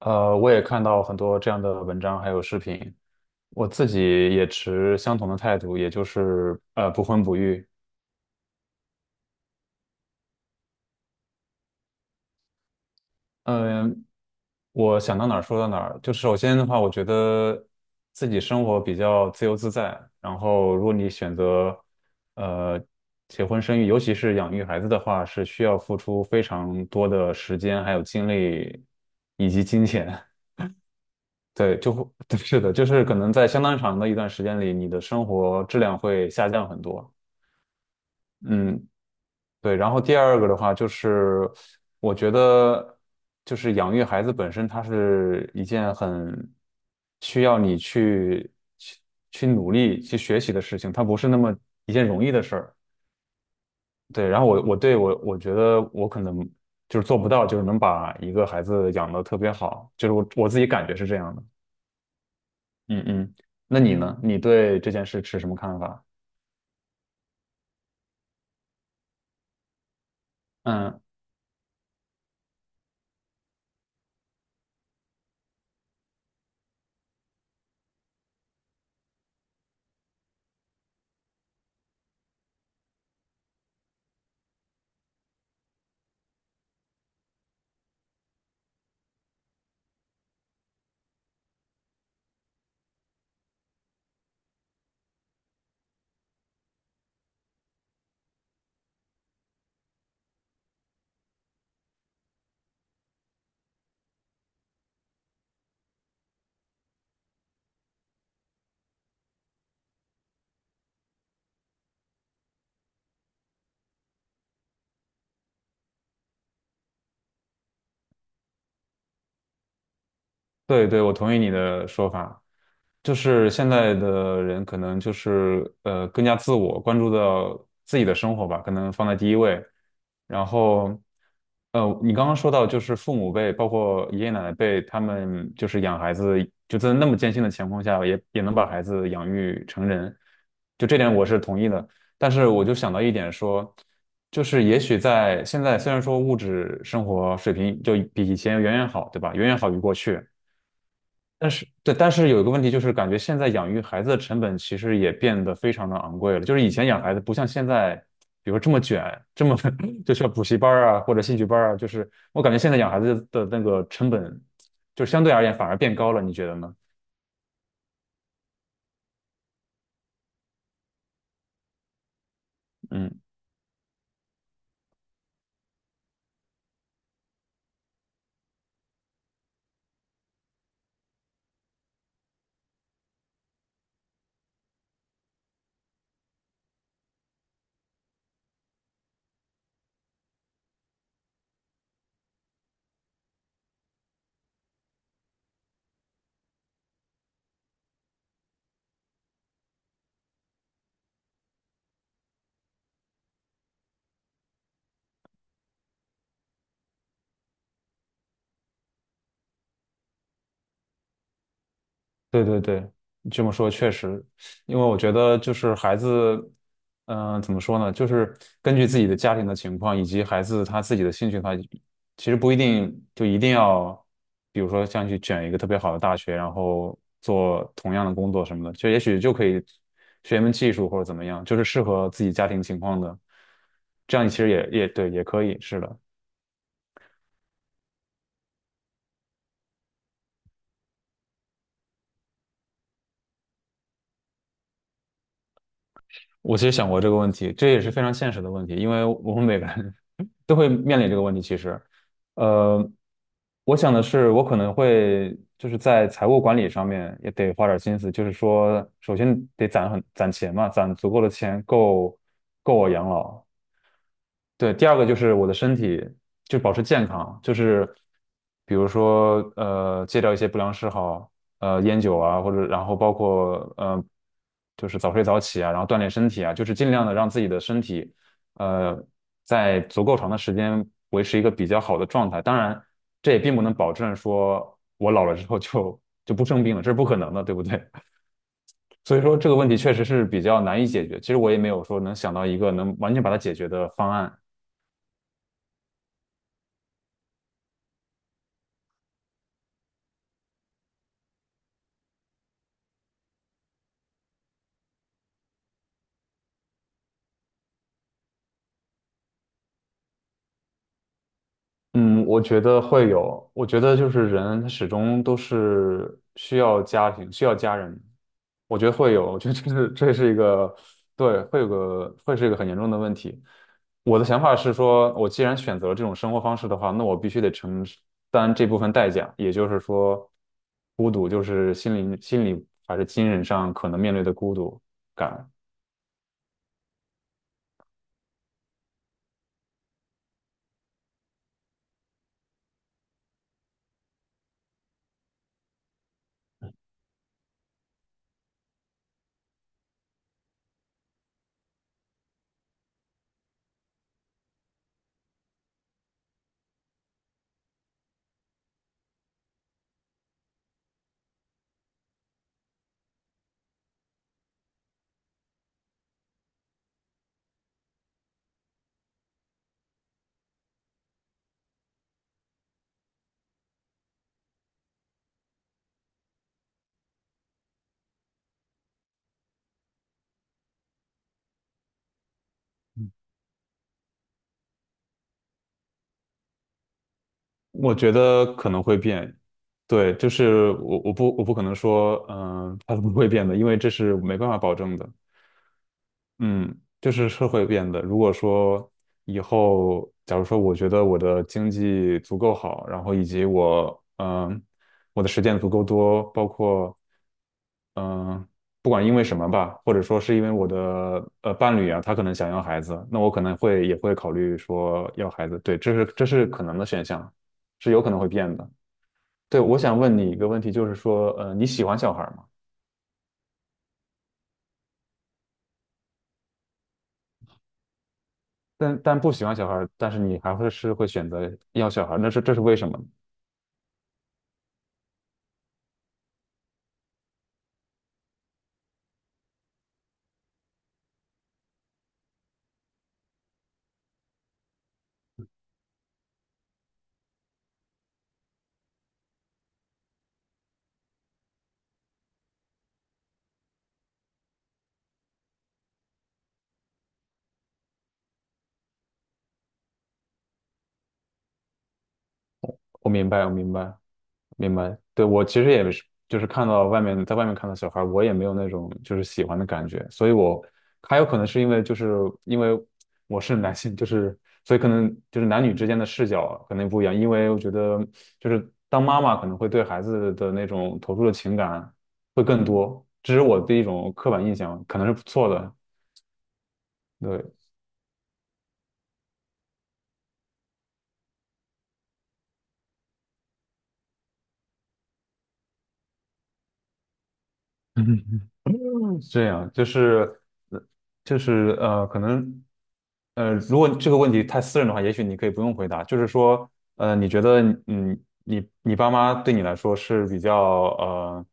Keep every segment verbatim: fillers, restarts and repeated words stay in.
呃，我也看到很多这样的文章还有视频，我自己也持相同的态度，也就是呃不婚不育。嗯，我想到哪儿说到哪儿。就首先的话，我觉得自己生活比较自由自在。然后，如果你选择呃结婚生育，尤其是养育孩子的话，是需要付出非常多的时间、还有精力以及金钱。对，就会，对是的，就是可能在相当长的一段时间里，你的生活质量会下降很多。嗯，对。然后第二个的话，就是我觉得，就是养育孩子本身，它是一件很需要你去去去努力去学习的事情，它不是那么一件容易的事儿。对，然后我我对我我觉得我可能就是做不到，就是能把一个孩子养得特别好，就是我我自己感觉是这样的。嗯嗯，那你呢？你对这件事持什么看法？嗯，对对，我同意你的说法，就是现在的人可能就是呃更加自我，关注到自己的生活吧，可能放在第一位。然后，呃，你刚刚说到就是父母辈，包括爷爷奶奶辈，他们就是养孩子，就在那么艰辛的情况下，也也能把孩子养育成人，就这点我是同意的。但是我就想到一点说，就是也许在现在虽然说物质生活水平就比以前远远好，对吧？远远好于过去。但是对，但是有一个问题就是，感觉现在养育孩子的成本其实也变得非常的昂贵了。就是以前养孩子不像现在，比如说这么卷，这么 就需要补习班儿啊或者兴趣班儿啊。就是我感觉现在养孩子的那个成本，就相对而言反而变高了，你觉得呢？嗯对对对，这么说确实，因为我觉得就是孩子，嗯、怎么说呢，就是根据自己的家庭的情况以及孩子他自己的兴趣他其实不一定就一定要，比如说像去卷一个特别好的大学，然后做同样的工作什么的，就也许就可以学一门技术或者怎么样，就是适合自己家庭情况的，这样其实也也对，也可以，是的。我其实想过这个问题，这也是非常现实的问题，因为我们每个人 都会面临这个问题。其实，呃，我想的是，我可能会就是在财务管理上面也得花点心思，就是说，首先得攒很攒钱嘛，攒足够的钱够够我养老，对，第二个就是我的身体就保持健康，就是比如说呃戒掉一些不良嗜好，呃烟酒啊，或者然后包括呃就是早睡早起啊，然后锻炼身体啊，就是尽量的让自己的身体呃在足够长的时间维持一个比较好的状态。当然，这也并不能保证说我老了之后就就不生病了，这是不可能的，对不对？所以说这个问题确实是比较难以解决。其实我也没有说能想到一个能完全把它解决的方案。嗯，我觉得会有，我觉得就是人他始终都是需要家庭，需要家人，我觉得会有，我觉得这是这是一个，对，会有个会是一个很严重的问题。我的想法是说，我既然选择了这种生活方式的话，那我必须得承担这部分代价，也就是说，孤独就是心理心理还是精神上可能面对的孤独感。我觉得可能会变，对，就是我我不我不可能说，嗯、它不会变的，因为这是没办法保证的，嗯，就是是会变的。如果说以后，假如说我觉得我的经济足够好，然后以及我，嗯、我的时间足够多，包括，嗯、不管因为什么吧，或者说是因为我的呃伴侣啊，他可能想要孩子，那我可能会也会考虑说要孩子，对，这是这是可能的选项，是有可能会变的。对，我想问你一个问题，就是说，呃，你喜欢小孩儿吗？但但不喜欢小孩儿，但是你还会是会选择要小孩儿，那是这是为什么呢？我明白，我明白，明白。对，我其实也是，就是看到外面，在外面看到小孩儿我也没有那种就是喜欢的感觉，所以我还有可能是因为就是因为我是男性，就是所以可能就是男女之间的视角可能不一样，因为我觉得就是当妈妈可能会对孩子的那种投入的情感会更多，这是我的一种刻板印象，可能是不错的。对，这样就是呃就是呃，可能呃，如果这个问题太私人的话，也许你可以不用回答。就是说，呃，你觉得嗯，你你爸妈对你来说是比较呃，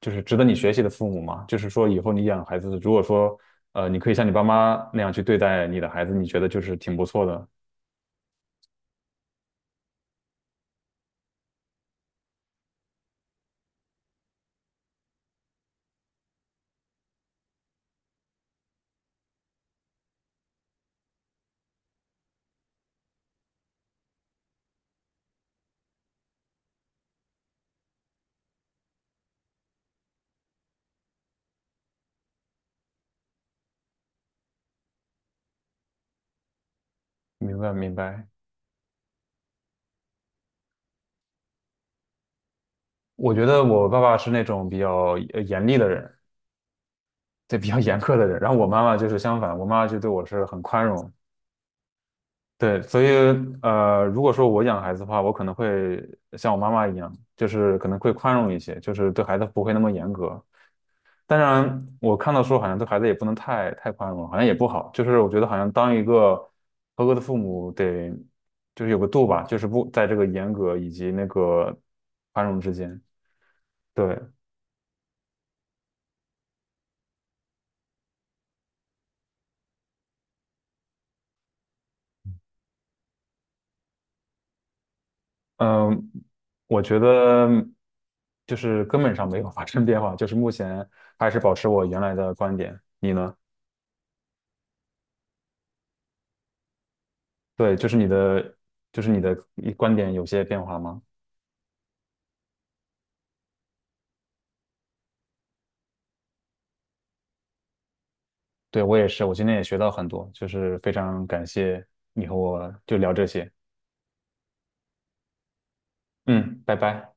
就是值得你学习的父母吗？就是说，以后你养孩子，如果说呃，你可以像你爸妈那样去对待你的孩子，你觉得就是挺不错的。明白，明白。我觉得我爸爸是那种比较呃严厉的人，对，比较严苛的人。然后我妈妈就是相反，我妈妈就对我是很宽容，对，所以呃，如果说我养孩子的话，我可能会像我妈妈一样，就是可能会宽容一些，就是对孩子不会那么严格。当然，我看到说好像对孩子也不能太太宽容，好像也不好。就是我觉得好像当一个合格的父母得就是有个度吧，就是不在这个严格以及那个宽容之间。对，嗯，我觉得就是根本上没有发生变化，就是目前还是保持我原来的观点。你呢？对，就是你的，就是你的一观点有些变化吗？对，我也是，我今天也学到很多，就是非常感谢你和我就聊这些。嗯，拜拜。